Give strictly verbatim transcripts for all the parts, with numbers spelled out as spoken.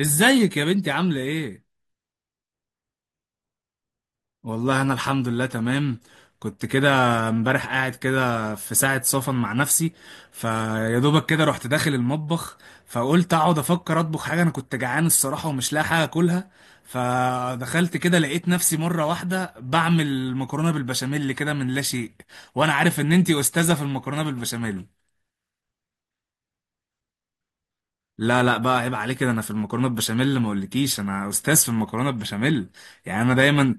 ازيك يا بنتي عاملة ايه؟ والله انا الحمد لله تمام. كنت كده امبارح قاعد كده في ساعة صفن مع نفسي، فيا دوبك كده رحت داخل المطبخ، فقلت اقعد افكر اطبخ حاجة، انا كنت جعان الصراحة ومش لاقي حاجة اكلها. فدخلت كده لقيت نفسي مرة واحدة بعمل مكرونة بالبشاميل كده من لا شيء، وانا عارف ان انتي استاذة في المكرونة بالبشاميل. لا لا بقى، عيب عليك كده، انا في المكرونه بالبشاميل ما اقولكيش، انا استاذ في المكرونه بالبشاميل. يعني انا دايما.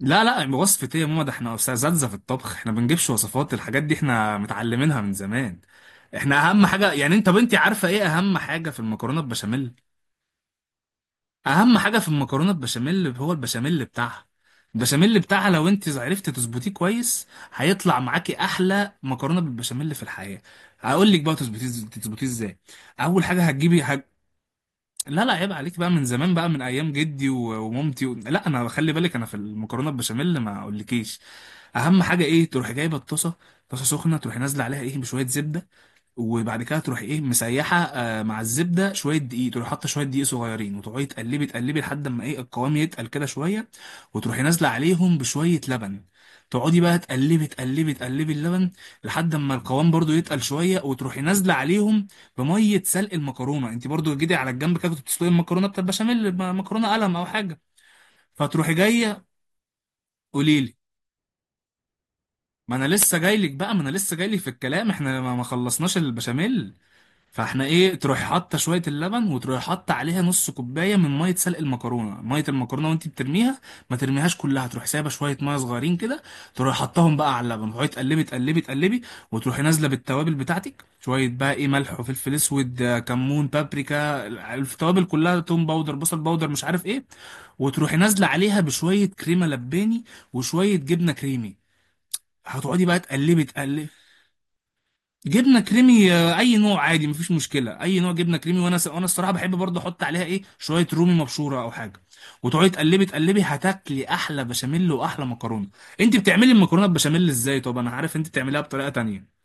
لا لا، وصفة ايه يا ماما، ده احنا اساتذة في الطبخ، احنا بنجيبش وصفات الحاجات دي، احنا متعلمينها من زمان. احنا اهم حاجة، يعني انت بنتي عارفة ايه اهم حاجة في المكرونة البشاميل؟ اهم حاجة في المكرونة البشاميل هو البشاميل بتاعها. البشاميل بتاعها لو انت عرفتي تظبطيه كويس، هيطلع معاكي احلى مكرونة بالبشاميل في الحياة. هقول لك بقى تظبطيه. تظبطيه ازاي؟ اول حاجة هتجيبي. لا لا عيب عليك بقى، من زمان بقى، من ايام جدي و- ومامتي و... لا انا خلي بالك، انا في المكرونه البشاميل ما اقولكيش. اهم حاجه ايه؟ تروحي جايبه الطاسه، طاسه سخنه، تروحي نازله عليها ايه بشويه زبده، وبعد كده تروح ايه مسيحه آه مع الزبده شويه دقيق، تروح حاطه شويه دقيق صغيرين وتقعدي تقلبي تقلبي لحد ما ايه القوام يتقل كده شويه، وتروحي نازله عليهم بشويه لبن. تقعدي بقى تقلبي تقلبي تقلبي اللبن لحد ما القوام برضو يتقل شويه، وتروحي نازله عليهم بميه سلق المكرونه. انت برضو جيتي على الجنب كده كنت بتسلقي المكرونه بتاعت البشاميل، م- مكرونه قلم او حاجه، فتروحي جايه. قولي لي. ما انا لسه جاي لك بقى، ما انا لسه جاي لك في الكلام، احنا ما ما خلصناش البشاميل. فاحنا ايه تروح حاطه شويه اللبن، وتروح حاطه عليها نص كوبايه من ميه سلق المكرونه، ميه المكرونه وانت بترميها ما ترميهاش كلها، تروح سايبه شويه ميه صغيرين كده، تروح حطهم بقى على اللبن وتقعدي تقلبي تقلبي تقلبي، وتروحي نازله بالتوابل بتاعتك، شويه بقى ايه ملح وفلفل اسود، آه، كمون، بابريكا، التوابل كلها، توم باودر، بصل باودر، مش عارف ايه. وتروحي نازله عليها بشويه كريمه لباني وشويه جبنه كريمي، هتقعدي بقى تقلبي تقلبي. جبنه كريمي آه، اي نوع عادي، مفيش مشكله، اي نوع جبنه كريمي. وانا س... وانا الصراحه بحب برضه احط عليها ايه شويه رومي مبشوره او حاجه، وتقعدي تقلبي تقلبي هتاكلي احلى بشاميل واحلى مكرونه. انت بتعملي المكرونه بشاميل ازاي؟ طب انا عارف انت بتعمليها بطريقه تانية.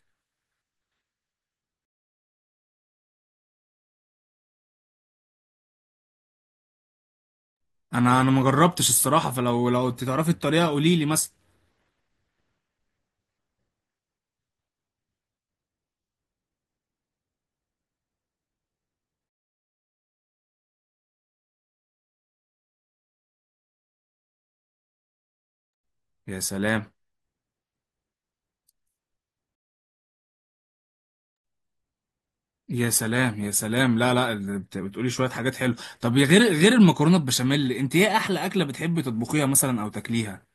انا انا ما جربتش الصراحه، فلو لو انت تعرفي الطريقه قولي لي مثلا. يا سلام، يا سلام. يا سلام، لا لا، بت- بتقولي شويه حاجات حلوه. طب يا غير غير المكرونه بشاميل، انت ايه احلى اكله بتحبي تطبخيها مثلا او تاكليها؟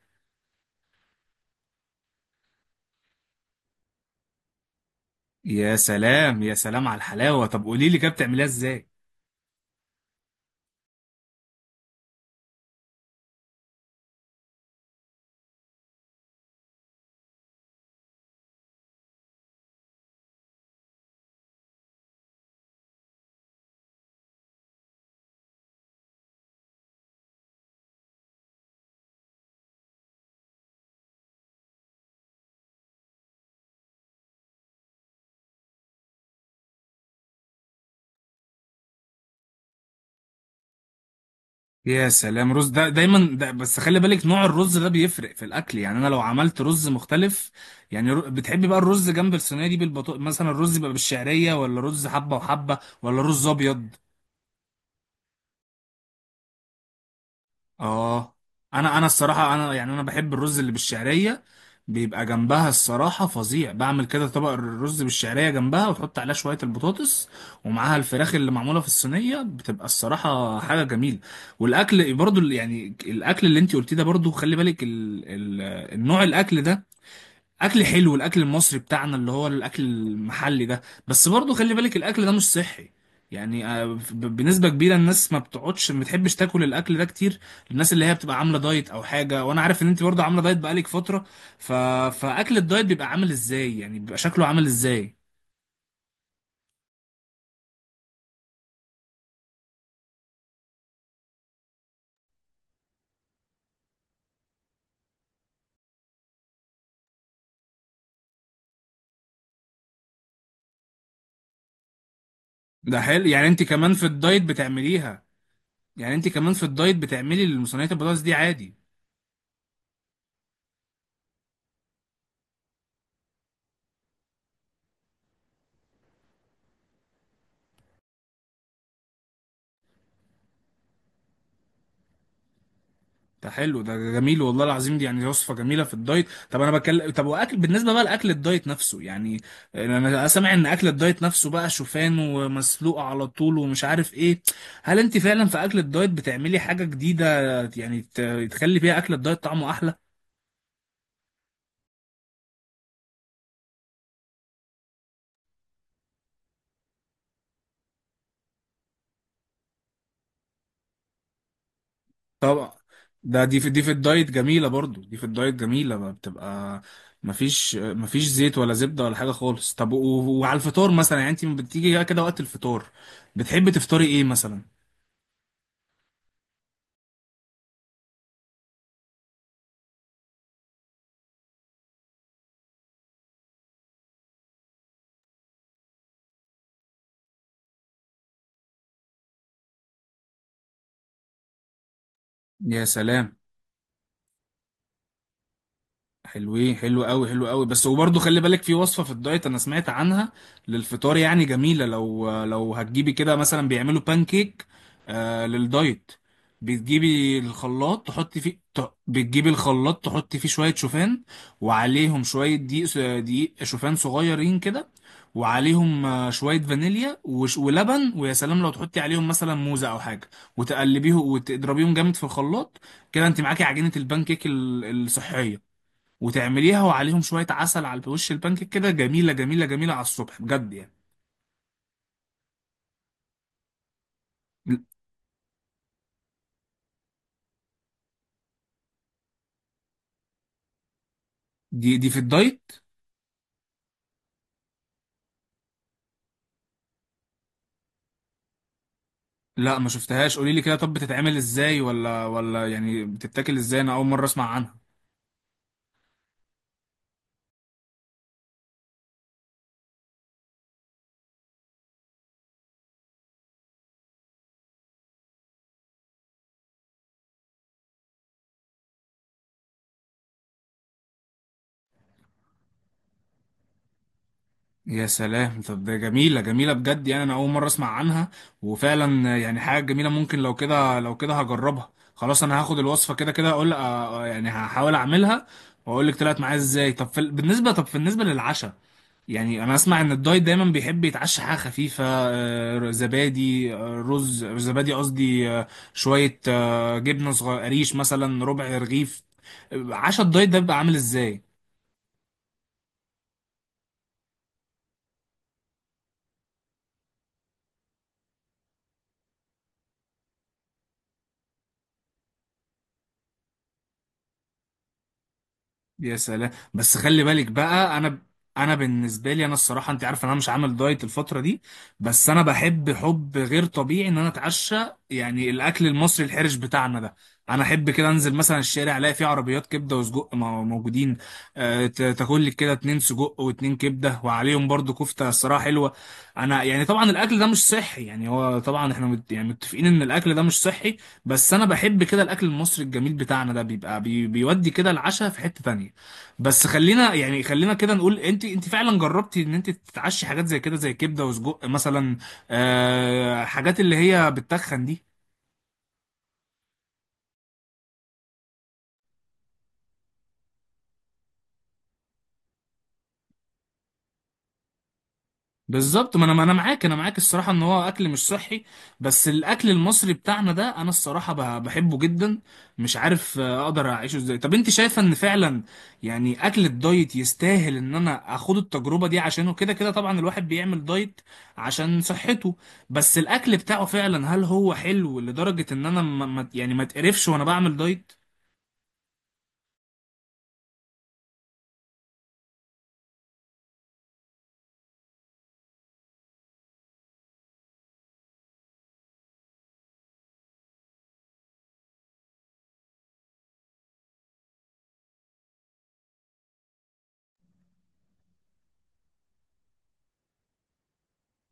يا سلام، يا سلام على الحلاوه. طب قولي لي كده بتعمليها ازاي؟ يا سلام. رز ده دايما ده، بس خلي بالك نوع الرز ده بيفرق في الاكل، يعني انا لو عملت رز مختلف، يعني رو- بتحبي بقى الرز جنب الصينيه دي بالبطو مثلا، الرز بيبقى بالشعريه، ولا رز حبه وحبه، ولا رز ابيض؟ اه. انا انا الصراحه انا يعني انا بحب الرز اللي بالشعريه، بيبقى جنبها الصراحه فظيع. بعمل كده طبق الرز بالشعريه جنبها، وتحط عليها شويه البطاطس ومعاها الفراخ اللي معموله في الصينيه، بتبقى الصراحه حاجه جميله. والاكل برضو ال- يعني الاكل اللي انت قلتيه ده برضو خلي بالك ال ال النوع الاكل ده اكل حلو، الاكل المصري بتاعنا اللي هو الاكل المحلي ده، بس برضو خلي بالك الاكل ده مش صحي. يعني آه، ب- بنسبة كبيرة الناس ما بتقعدش، ما بتحبش تاكل الاكل ده كتير، الناس اللي هي بتبقى عاملة دايت او حاجة، وانا عارف ان انت برضو عاملة دايت بقالك فترة. ف... فاكل الدايت بيبقى عامل ازاي؟ يعني بيبقى شكله عامل ازاي؟ ده حلو، يعني انت كمان في الدايت بتعمليها، يعني انت كمان في الدايت بتعملي المصنعات البطاطس دي عادي. ده حلو، ده ده جميل والله العظيم، دي يعني وصفة جميلة في الدايت. طب انا بكلم، طب واكل بالنسبة بقى لاكل الدايت نفسه يعني، انا سامع ان اكل الدايت نفسه بقى شوفان ومسلوق على طول ومش عارف ايه. هل انت فعلا في اكل الدايت بتعملي حاجة جديدة، يعني ت- تخلي بيها اكل الدايت طعمه احلى؟ طبعا. ده دي في دي في الدايت جميلة، برضو دي في الدايت جميلة بقى، بتبقى مفيش مفيش زيت ولا زبدة ولا حاجة خالص. طب و- وعلى الفطار مثلا، يعني انت بتيجي كده وقت الفطار بتحبي تفطري ايه مثلا؟ يا سلام. حلوين، حلو قوي، حلو قوي، بس وبرضه خلي بالك في وصفة في الدايت انا سمعت عنها للفطار، يعني جميلة. لو لو هتجيبي كده مثلا، بيعملوا بانكيك آه للدايت، بتجيبي الخلاط تحطي فيه، ت- بتجيبي الخلاط تحطي فيه شوية شوفان، وعليهم شوية دقيق، س- دقيق شوفان صغيرين كده، وعليهم آه، شوية فانيليا وش- ولبن، ويا سلام لو تحطي عليهم مثلا موزة أو حاجة، وتقلبيهم وتضربيهم جامد في الخلاط، كده أنت معاكي عجينة البانكيك ال- الصحية، وتعمليها وعليهم شوية عسل على وش البانكيك، كده جميلة جميلة جميلة على الصبح بجد يعني. دي دي في الدايت. لا ما شفتهاش، قولي لي كده طب بتتعمل ازاي، ولا ولا يعني بتتاكل ازاي؟ انا اول مرة اسمع عنها. يا سلام، طب ده جميلة جميلة بجد يعني، أنا أول مرة أسمع عنها، وفعلا يعني حاجة جميلة ممكن. لو كده لو كده هجربها، خلاص أنا هاخد الوصفة كده كده، أقول آه، آه، يعني هحاول أعملها وأقول لك طلعت معايا إزاي. طب في ال- بالنسبة، طب بالنسبة للعشاء، يعني أنا أسمع إن الدايت دايما بيحب يتعشى حاجة خفيفة، آه، زبادي، آه، رز، زبادي قصدي، آه، شوية آه، جبنة صغير قريش مثلا، ربع رغيف. عشاء الدايت ده بيبقى عامل إزاي؟ يا سلام. بس خلي بالك بقى انا، انا بالنسبه لي انا الصراحه انت عارف ان انا مش عامل دايت الفتره دي، بس انا بحب حب غير طبيعي ان انا اتعشى، يعني الاكل المصري الحرش بتاعنا ده. انا احب كده انزل مثلا الشارع الاقي فيه عربيات كبده وسجق مو- موجودين، آه، ت- تاكل لك كده اتنين سجق واتنين كبده وعليهم برضو كفته الصراحه حلوه. انا يعني طبعا الاكل ده مش صحي، يعني هو طبعا احنا مت يعني متفقين ان الاكل ده مش صحي، بس انا بحب كده الاكل المصري الجميل بتاعنا ده، بيبقى بي بيودي كده العشاء في حته تانية. بس خلينا يعني خلينا كده نقول، انت انت فعلا جربتي ان انت تتعشي حاجات زي كده، زي كبده وسجق مثلا، آه، حاجات اللي هي بتتخن دي؟ بالظبط، ما انا ما انا معاك، انا معاك الصراحه ان هو اكل مش صحي، بس الاكل المصري بتاعنا ده انا الصراحه ب- بحبه جدا، مش عارف آه، اقدر اعيشه ازاي. طب انت شايفه ان فعلا يعني اكل الدايت يستاهل ان انا اخد التجربه دي عشانه؟ كده كده طبعا الواحد بيعمل دايت عشان صحته، بس الاكل بتاعه فعلا هل هو حلو لدرجه ان انا ما ما- يعني ما اتقرفش وانا بعمل دايت؟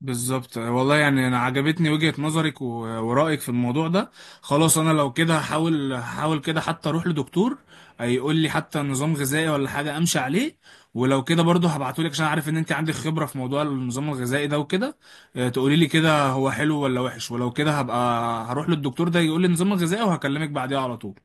بالظبط والله، يعني انا عجبتني وجهة نظرك و- ورأيك في الموضوع ده. خلاص انا لو كده هحاول، هحاول كده حتى اروح لدكتور هيقول لي حتى نظام غذائي ولا حاجة امشي عليه، ولو كده برضه هبعتهولك، عشان عارف ان انت عندك خبرة في موضوع النظام الغذائي ده وكده، آه، تقولي لي كده هو حلو ولا وحش، ولو كده هبقى هروح للدكتور ده يقول لي النظام الغذائي وهكلمك بعديها على طول.